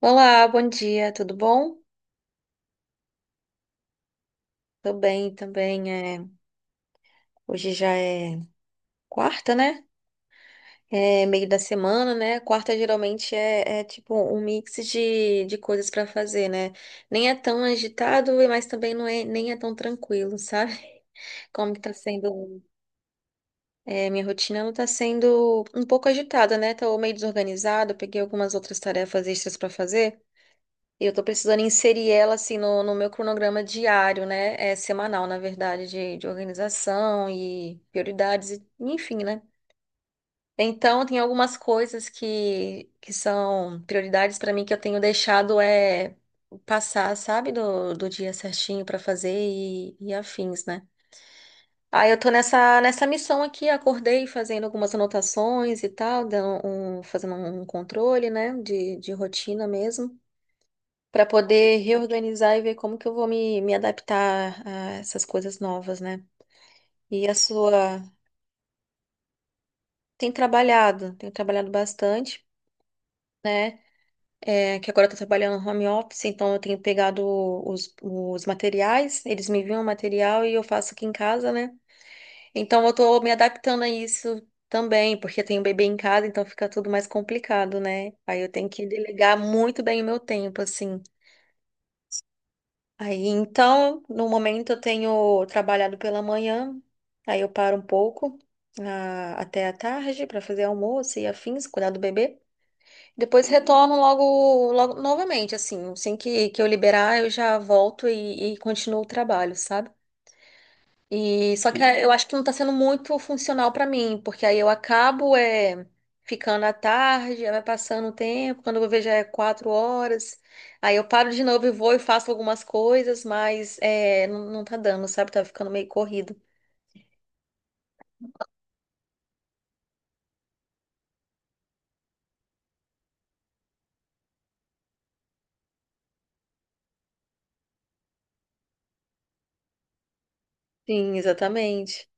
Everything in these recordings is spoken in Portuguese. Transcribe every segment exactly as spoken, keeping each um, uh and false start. Olá, bom dia, tudo bom? Tô bem também. É... Hoje já é quarta, né? É meio da semana, né? Quarta geralmente é, é tipo um mix de, de coisas pra fazer, né? Nem é tão agitado, mas também não é, nem é tão tranquilo, sabe? Como que tá sendo. É, minha rotina ela tá sendo um pouco agitada, né? Tô meio desorganizada, peguei algumas outras tarefas extras pra fazer. Eu tô precisando inserir ela assim no, no meu cronograma diário, né? É semanal, na verdade, de, de organização e prioridades, e- enfim, né? Então, tem algumas coisas que, que são prioridades para mim que eu tenho deixado é passar, sabe, do, do dia certinho para fazer e, e afins, né? Aí eu tô nessa, nessa missão aqui, acordei fazendo algumas anotações e tal, dando um- fazendo um controle, né, de, de rotina mesmo para poder reorganizar e ver como que eu vou me, me adaptar a essas coisas novas, né? E a sua tem trabalhado, tenho trabalhado bastante, né? É que agora eu tô trabalhando no home office, então eu tenho pegado os, os materiais, eles me enviam o material e eu faço aqui em casa, né? Então eu tô me adaptando a isso também, porque eu tenho um bebê em casa, então fica tudo mais complicado, né? Aí eu tenho que delegar muito bem o meu tempo, assim. Aí então, no momento eu tenho trabalhado pela manhã, aí eu paro um pouco ah, até a tarde para fazer almoço e afins, cuidar do bebê. Depois retorno logo, logo novamente, assim, assim que, que eu liberar, eu já volto e, e continuo o trabalho, sabe? E só que eu acho que não tá sendo muito funcional pra mim, porque aí eu acabo é ficando à tarde, aí vai passando o tempo, quando eu vejo já é quatro horas, aí eu paro de novo e vou e faço algumas coisas, mas é, não, não tá dando, sabe? Tá ficando meio corrido. Sim, exatamente.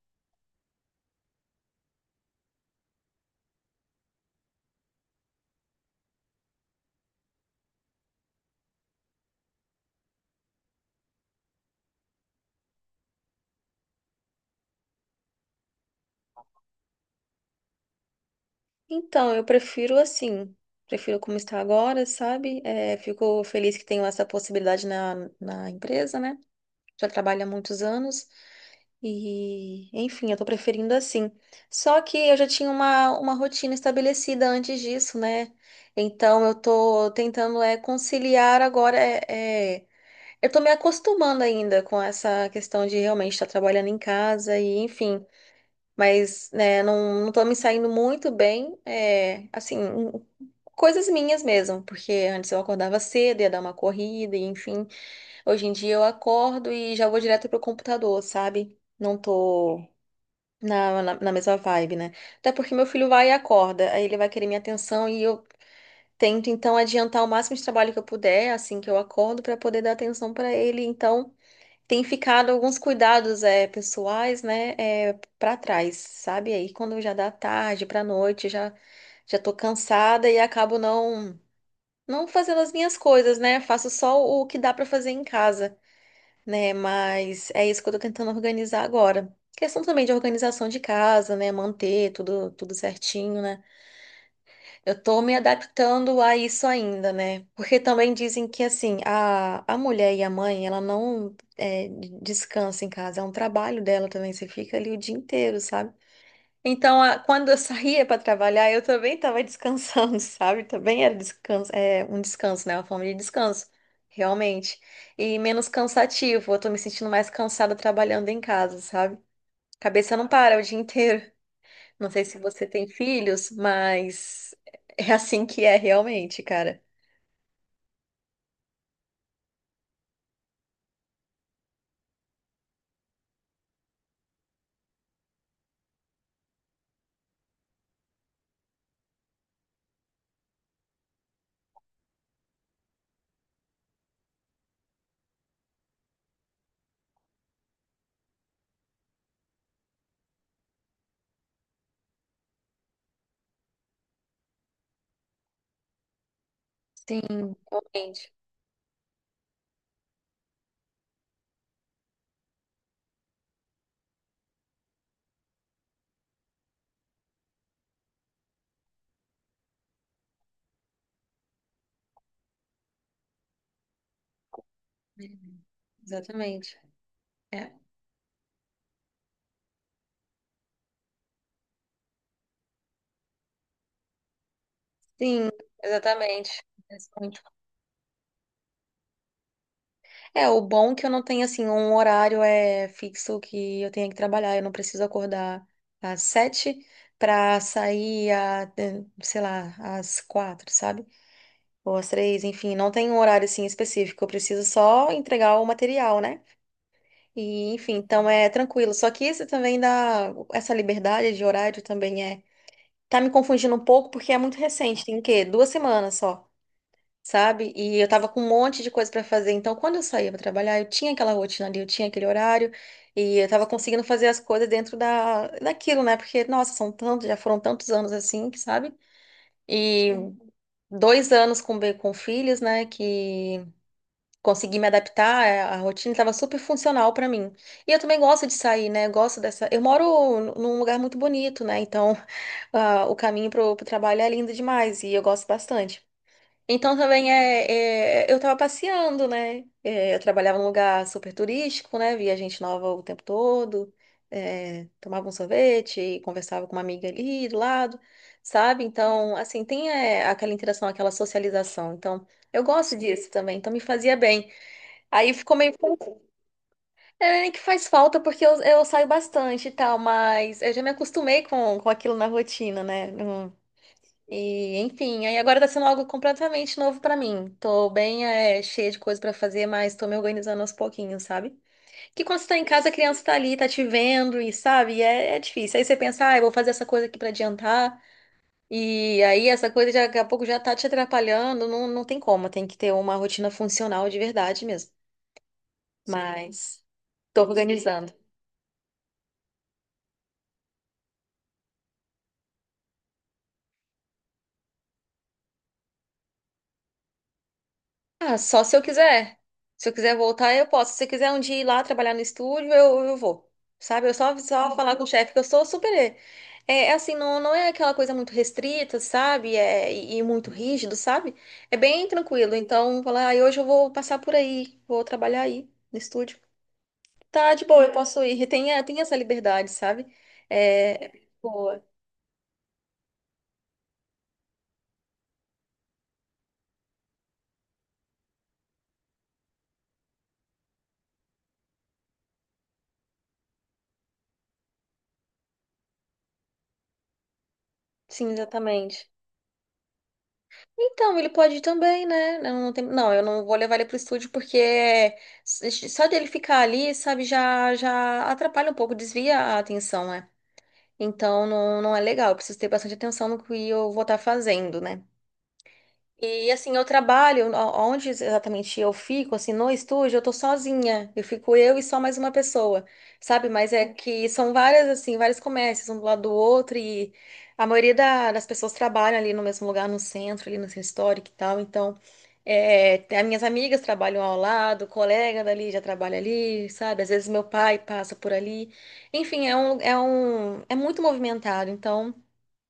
Então, eu prefiro assim, prefiro como está agora, sabe? É, fico feliz que tenho essa possibilidade na, na empresa, né? Já trabalho há muitos anos. E, enfim, eu tô preferindo assim. Só que eu já tinha uma, uma rotina estabelecida antes disso, né? Então eu tô tentando é conciliar agora. É, é- eu tô me acostumando ainda com essa questão de realmente estar trabalhando em casa e, enfim. Mas, né, não, não tô me saindo muito bem. É, assim, coisas minhas mesmo, porque antes eu acordava cedo, ia dar uma corrida, e, enfim. Hoje em dia eu acordo e já vou direto pro computador, sabe? Não tô na, na, na mesma vibe, né? Até porque meu filho vai e acorda, aí ele vai querer minha atenção e eu tento então adiantar o máximo de trabalho que eu puder assim que eu acordo pra poder dar atenção pra ele. Então tem ficado alguns cuidados é, pessoais, né, é, para trás, sabe? Aí quando já dá tarde pra noite, já já tô cansada e acabo não não fazendo as minhas coisas, né? Faço só o que dá pra fazer em casa né? Mas é isso que eu tô tentando organizar agora. Questão também de organização de casa, né? Manter tudo, tudo certinho, né? Eu tô me adaptando a isso ainda, né? Porque também dizem que, assim, a, a mulher e a mãe, ela não é, descansa em casa, é um trabalho dela também. Você fica ali o dia inteiro, sabe? Então, a- quando eu saía para trabalhar, eu também estava descansando, sabe? Também era descanso, é, um descanso, né? Uma forma de descanso, realmente. E menos cansativo. Eu tô me sentindo mais cansada trabalhando em casa, sabe? Cabeça não para o dia inteiro. Não sei se você tem filhos, mas é assim que é realmente, cara. Sim, realmente. Exatamente. É. Sim, exatamente. É, o bom é que eu não tenho, assim, um horário é fixo que eu tenha que trabalhar. Eu não preciso acordar às sete para sair, a, eh, sei lá, às quatro, sabe? Ou às três, enfim. Não tem um horário, assim, específico. Eu preciso só entregar o material, né? E, enfim, então é tranquilo. Só que isso também dá. Essa liberdade de horário também é. Tá me confundindo um pouco porque é muito recente. Tem o quê? Duas semanas só sabe? E eu tava com um monte de coisa pra fazer. Então, quando eu saía pra trabalhar, eu tinha aquela rotina ali, eu tinha aquele horário e eu tava conseguindo fazer as coisas dentro da daquilo, né? Porque, nossa, são tantos, já foram tantos anos assim, que sabe? E Sim. Dois anos com be- com filhos, né? Que consegui me adaptar, é, a rotina tava super funcional pra mim. E eu também gosto de sair, né? Eu gosto dessa. Eu moro n- num lugar muito bonito, né? Então, ah, o caminho pro, pro trabalho é lindo demais e eu gosto bastante. Então também é, é- eu tava passeando, né? É, eu trabalhava num lugar super turístico, né? Via gente nova o tempo todo, é, tomava um sorvete e conversava com uma amiga ali do lado, sabe? Então, assim, tem é, aquela interação, aquela socialização. Então, eu gosto disso também, então me fazia bem. Aí ficou meio confuso. É nem que faz falta porque eu, eu saio bastante e tal, mas eu já me acostumei com, com aquilo na rotina, né? E, enfim, aí agora tá sendo algo completamente novo pra mim. Tô bem, é, cheia de coisa pra fazer, mas tô me organizando aos pouquinhos, sabe? Que quando você tá em casa, a criança tá ali, tá te vendo e, sabe, é, é difícil. Aí você pensa, ah, eu vou fazer essa coisa aqui pra adiantar. E aí essa coisa já, daqui a pouco já tá te atrapalhando. Não, não tem como, tem que ter uma rotina funcional de verdade mesmo. Mas tô organizando. Ah, só se eu quiser. Se eu quiser voltar, eu posso. Se você quiser um dia ir lá trabalhar no estúdio, eu, eu vou. Sabe? Eu só, só falar com o chefe que eu sou super. É, é assim, não, não é aquela coisa muito restrita, sabe? É, e, e muito rígido, sabe? É bem tranquilo. Então, falar, ah, hoje eu vou passar por aí, vou trabalhar aí no estúdio. Tá de boa, eu posso ir. Tem, a- tem essa liberdade, sabe? É, é boa. Sim, exatamente. Então, ele pode ir também, né? Não, não, tem- não, eu não vou levar ele pro estúdio porque s- só dele ficar ali, sabe, já, já atrapalha um pouco, desvia a atenção, né? Então, não, não é legal. Eu preciso ter bastante atenção no que eu vou estar fazendo, né? E assim, eu trabalho, o- onde exatamente eu fico, assim, no estúdio, eu tô sozinha. Eu fico eu e só mais uma pessoa, sabe? Mas é que são várias, assim, vários comércios, um do lado do outro, e a maioria da- das pessoas trabalham ali no mesmo lugar, no centro, ali no centro histórico e tal. Então, é, tem- as minhas amigas trabalham ao lado, o colega dali já trabalha ali, sabe? Às vezes meu pai passa por ali. Enfim, é um, é um, é muito movimentado, então.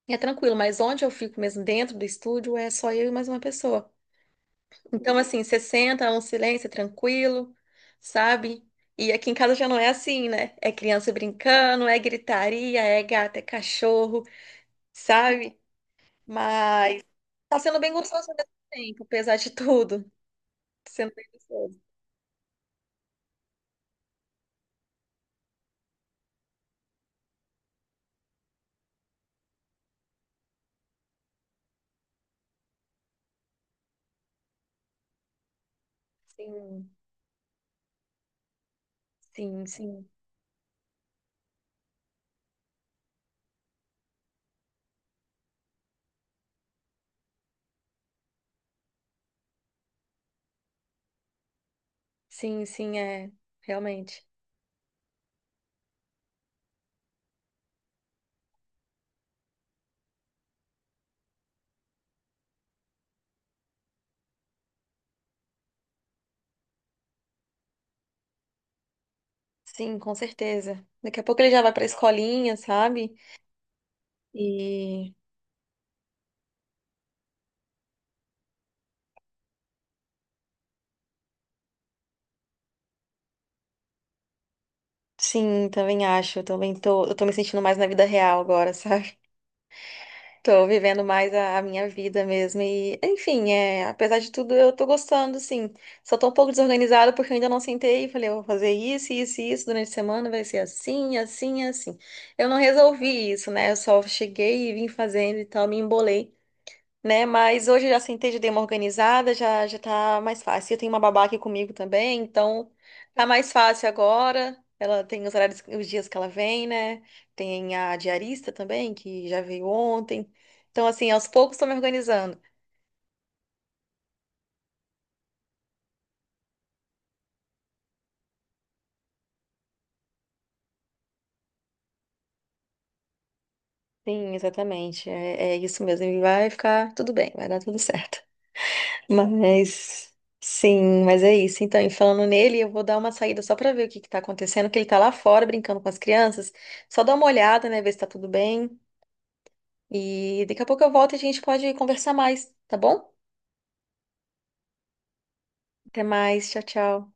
É tranquilo, mas onde eu fico mesmo dentro do estúdio é só eu e mais uma pessoa. Então, assim, você senta, é um silêncio é tranquilo, sabe? E aqui em casa já não é assim, né? É criança brincando, é gritaria, é gato, é cachorro, sabe? Mas tá sendo bem gostoso ao mesmo tempo, apesar de tudo. Tá sendo bem gostoso. Sim, sim, sim. Sim, sim, é. Realmente. Sim, com certeza. Daqui a pouco ele já vai pra escolinha, sabe? E. Sim, também acho. Eu também tô, eu tô me sentindo mais na vida real agora, sabe? Tô vivendo mais a, a minha vida mesmo. E, enfim, é, apesar de tudo, eu tô gostando, sim. Só tô um pouco desorganizada porque eu ainda não sentei e falei, eu vou fazer isso, isso e isso durante a semana, vai ser assim, assim, assim. Eu não resolvi isso, né? Eu só cheguei e vim fazendo e tal, me embolei né? Mas hoje eu já sentei de dei uma organizada, já já tá mais fácil. Eu tenho uma babá aqui comigo também, então tá mais fácil agora. Ela tem os horários, os dias que ela vem, né? Tem a diarista também, que já veio ontem. Então, assim, aos poucos estou me organizando. Sim, exatamente. É, é isso mesmo. E vai ficar tudo bem, vai dar tudo certo. Mas sim, mas é isso. Então, e falando nele, eu vou dar uma saída só para ver o que que tá acontecendo, que ele tá lá fora brincando com as crianças. Só dá uma olhada, né, ver se tá tudo bem. E daqui a pouco eu volto e a gente pode conversar mais, tá bom? Até mais, tchau, tchau.